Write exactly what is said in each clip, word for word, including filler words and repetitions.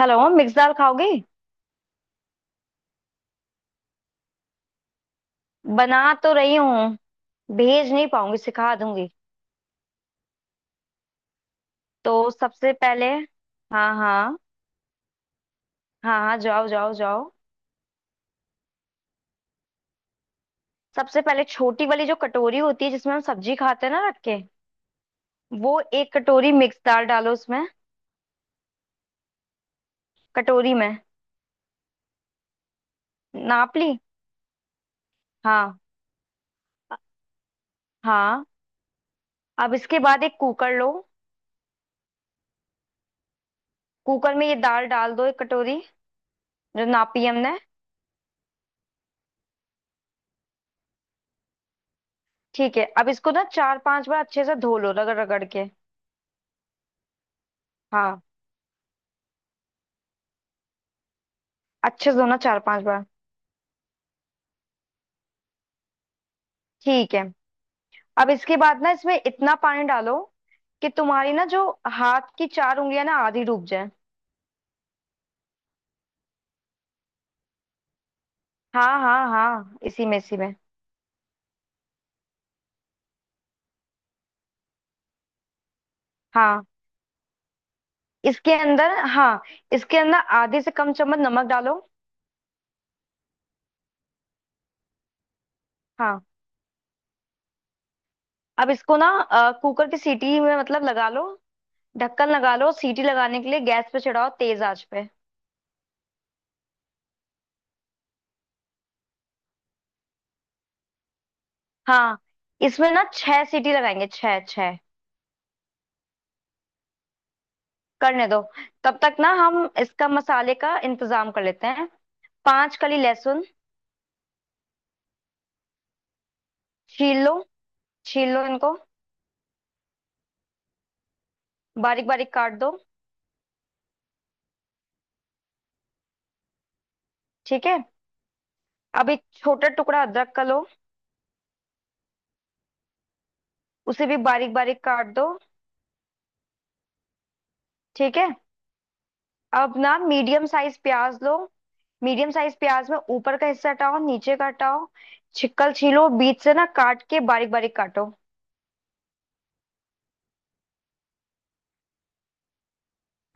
Hello. Mix दाल खाओगी। बना तो रही हूँ। भेज नहीं पाऊंगी, सिखा दूंगी। तो सबसे पहले हाँ हाँ। हाँ हाँ जाओ जाओ जाओ। सबसे पहले छोटी वाली जो कटोरी होती है जिसमें हम सब्जी खाते हैं ना, रख के वो एक कटोरी मिक्स दाल डालो उसमें। कटोरी में। नाप ली। हाँ हाँ। अब इसके बाद एक कुकर लो। कुकर में ये दाल डाल दो, एक कटोरी जो नापी हमने। ठीक है, अब इसको ना चार पांच बार अच्छे से धो लो रगड़ रगड़ के। हाँ। अच्छे से धोना चार पांच बार। ठीक है, अब इसके बाद ना इसमें इतना पानी डालो कि तुम्हारी ना जो हाथ की चार उंगलियां ना आधी डूब जाए। हाँ हाँ हाँ, इसी में इसी में। हाँ इसके अंदर। हाँ इसके अंदर आधे से कम चम्मच नमक डालो। हाँ। अब इसको ना अ, कुकर की सीटी में मतलब लगा लो, ढक्कन लगा लो, सीटी लगाने के लिए गैस पे चढ़ाओ तेज आंच पे। हाँ, इसमें ना छह सीटी लगाएंगे, छह छह। करने दो, तब तक ना हम इसका मसाले का इंतजाम कर लेते हैं। पांच कली लहसुन छील लो, छील लो इनको। बारीक बारीक काट दो। ठीक है। अब एक छोटा टुकड़ा अदरक का लो। उसे भी बारीक बारीक काट दो। ठीक है। अब ना मीडियम साइज प्याज लो। मीडियम साइज प्याज में ऊपर का हिस्सा हटाओ, नीचे का हटाओ, छिकल छीलो, बीच से ना काट के बारीक बारीक काटो।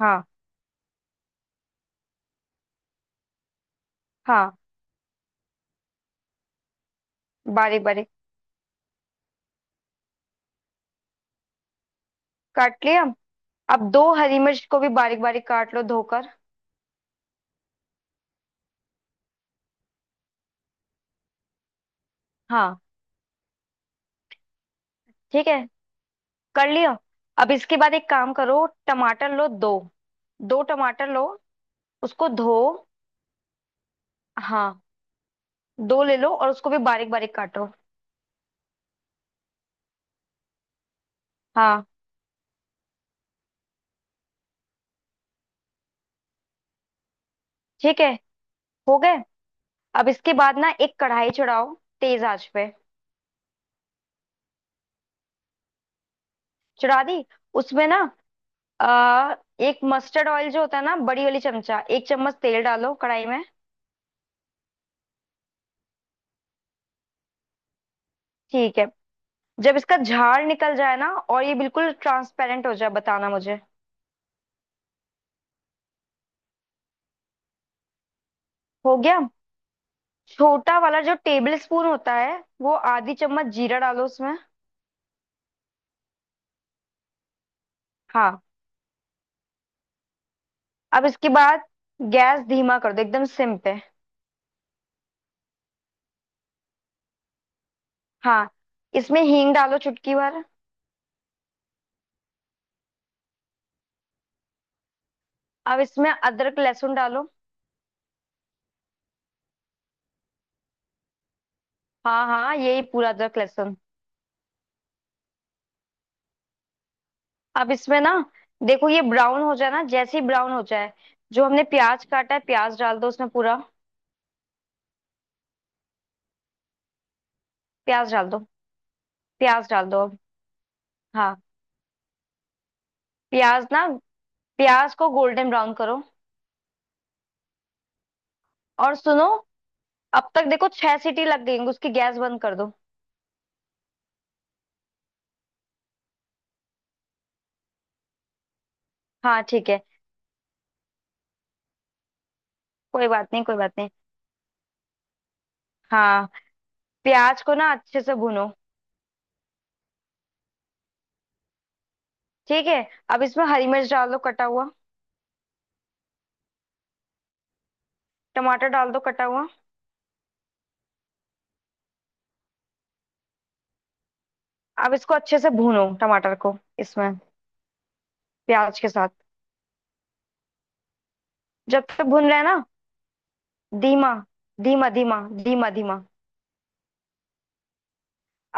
हाँ। हाँ, बारीक बारीक काट लिया। अब दो हरी मिर्च को भी बारीक बारीक काट लो धोकर। हाँ। ठीक है। कर लिया। अब इसके बाद एक काम करो, टमाटर लो दो। दो टमाटर लो, उसको धो। हाँ, दो ले लो और उसको भी बारीक बारीक काटो। हाँ। ठीक है। हो गए। अब इसके बाद ना एक कढ़ाई चढ़ाओ, तेज आंच पे। चढ़ा दी। उसमें ना आ, एक मस्टर्ड ऑयल जो होता है ना, बड़ी वाली चमचा एक चम्मच तेल डालो कढ़ाई में। ठीक है। जब इसका झाड़ निकल जाए ना और ये बिल्कुल ट्रांसपेरेंट हो जाए, बताना मुझे। हो गया। छोटा वाला जो टेबल स्पून होता है, वो आधी चम्मच जीरा डालो उसमें। हाँ। अब इसके बाद गैस धीमा कर दो एकदम सिम पे। हाँ, इसमें हींग डालो चुटकी भर। अब इसमें अदरक लहसुन डालो। हाँ हाँ, यही पूरा अदरक लहसुन। अब इसमें ना देखो ये ब्राउन हो जाए ना, जैसे ही ब्राउन हो जाए जो हमने प्याज काटा है, प्याज डाल दो उसमें पूरा। प्याज डाल दो। प्याज डाल दो अब। हाँ। प्याज ना, प्याज को गोल्डन ब्राउन करो। और सुनो, अब तक देखो छह सीटी लग गई होंगी, उसकी गैस बंद कर दो। हाँ ठीक है। कोई बात नहीं, कोई बात नहीं। हाँ। प्याज को ना अच्छे से भूनो। ठीक है, अब इसमें हरी मिर्च डाल दो कटा हुआ। टमाटर डाल दो कटा हुआ। अब इसको अच्छे से भूनो, टमाटर को इसमें प्याज के साथ। जब तक भून रहे हैं ना, धीमा धीमा धीमा धीमा धीमा।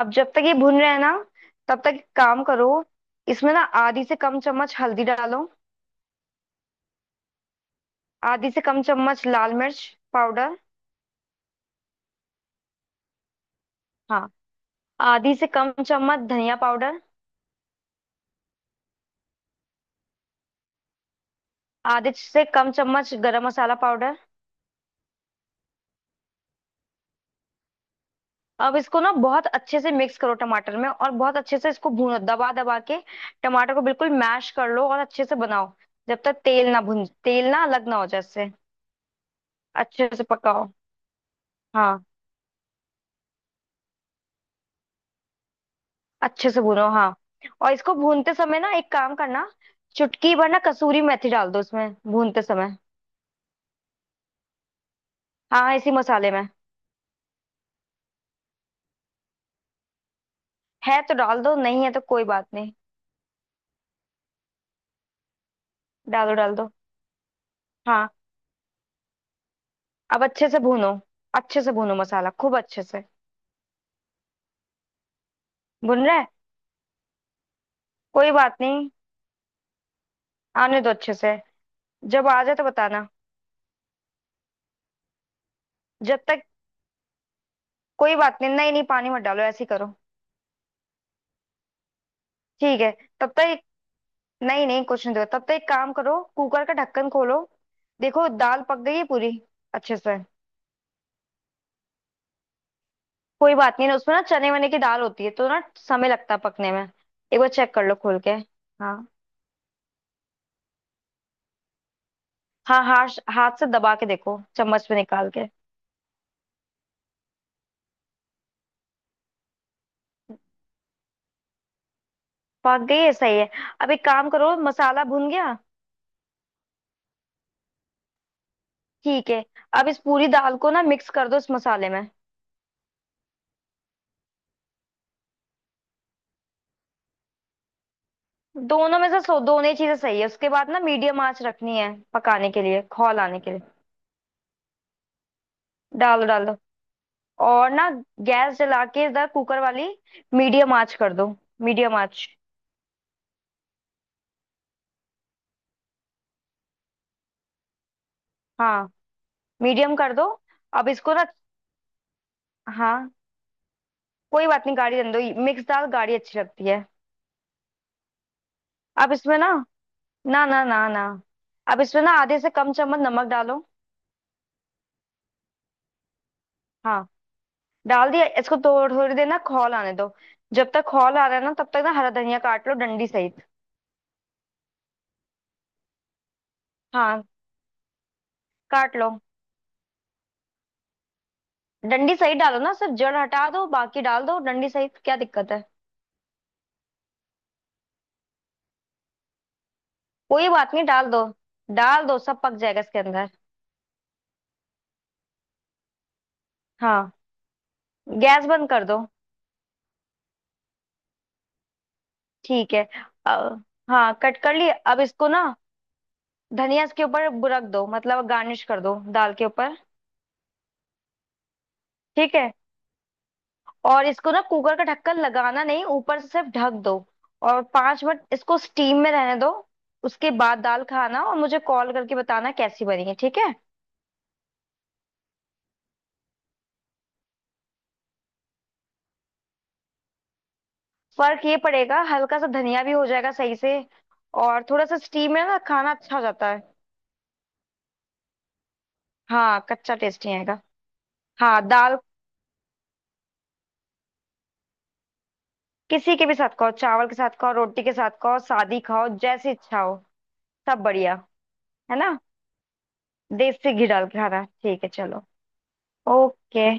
अब जब तक ये भून रहे हैं ना, तब तक एक काम करो, इसमें ना आधी से कम चम्मच हल्दी डालो, आधी से कम चम्मच लाल मिर्च पाउडर। हाँ। आधी से कम चम्मच धनिया पाउडर, आधे से कम चम्मच गरम मसाला पाउडर। अब इसको ना बहुत अच्छे से मिक्स करो टमाटर में, और बहुत अच्छे से इसको भूनो दबा दबा के। टमाटर को बिल्कुल मैश कर लो और अच्छे से बनाओ, जब तक तेल ना भुन, तेल ना अलग ना हो जाए इससे। अच्छे से पकाओ। हाँ अच्छे से भूनो। हाँ, और इसको भूनते समय ना एक काम करना, चुटकी भर ना कसूरी मेथी डाल दो उसमें भूनते समय। हाँ इसी मसाले में। है तो डाल दो, नहीं है तो कोई बात नहीं। डालो डाल दो। हाँ। अब अच्छे से भूनो, अच्छे से भूनो मसाला खूब अच्छे से। भुन रहा है। कोई बात नहीं, आने दो अच्छे से। जब आ जाए तो बताना। जब तक, कोई बात नहीं, नहीं नहीं पानी मत डालो, ऐसे ही करो। ठीक है, तब तक एक- नहीं नहीं कुछ नहीं दो, तब तक एक काम करो, कुकर का ढक्कन खोलो। देखो दाल पक गई है पूरी। अच्छे से। कोई बात नहीं ना, उसमें ना चने वने की दाल होती है तो ना समय लगता है पकने में। एक बार चेक कर लो खोल के। हाँ हाँ, हाथ हाथ से दबा के देखो, चम्मच में निकाल के। पक गई है, सही है। अब एक काम करो, मसाला भुन गया। ठीक है, अब इस पूरी दाल को ना मिक्स कर दो इस मसाले में। दोनों में से, सो दोनों ही चीजें सही है। उसके बाद ना मीडियम आंच रखनी है पकाने के लिए, खौल आने के लिए। डालो डालो और ना गैस जला के इधर कुकर वाली मीडियम आंच कर दो। मीडियम आंच। हाँ, मीडियम कर दो। अब इसको ना, हाँ, कोई बात नहीं, गाड़ी रहने दो, मिक्स दाल गाढ़ी अच्छी लगती है। अब इसमें ना, ना ना ना ना, अब इसमें ना आधे से कम चम्मच नमक डालो। हाँ। डाल दिया, इसको थोड़ी थोड़ी देर ना खौल आने दो। जब तक खौल आ रहा है ना, तब तक ना हरा धनिया काट लो डंडी सहित। हाँ। काट लो, डंडी सहित डालो ना, सिर्फ जड़ हटा दो, बाकी डाल दो डंडी सहित, क्या दिक्कत है। कोई बात नहीं डाल दो, डाल दो, सब पक जाएगा इसके अंदर। हाँ। गैस बंद कर दो। ठीक है। अ, हाँ कट कर लिए, अब इसको ना धनिया इसके ऊपर ब- रख दो, मतलब गार्निश कर दो दाल के ऊपर। ठीक है, और इसको ना कुकर का ढक्कन लगाना नहीं, ऊपर से सिर्फ ढक दो, और पांच मिनट इसको स्टीम में रहने दो। उसके बाद दाल खाना और मुझे कॉल करके बताना कैसी बनी है, ठीक है। फर्क ये पड़ेगा, हल्का सा धनिया भी हो जाएगा सही से, और थोड़ा सा स्टीम में ना खाना अच्छा हो जाता है। हाँ कच्चा टेस्टी आएगा। हाँ दाल किसी के भी साथ खाओ, चावल के साथ खाओ, रोटी के साथ खाओ, सादी खाओ, जैसी इच्छा हो, सब बढ़िया। है ना, देसी घी डाल के खाना, ठीक है, चलो। ओके।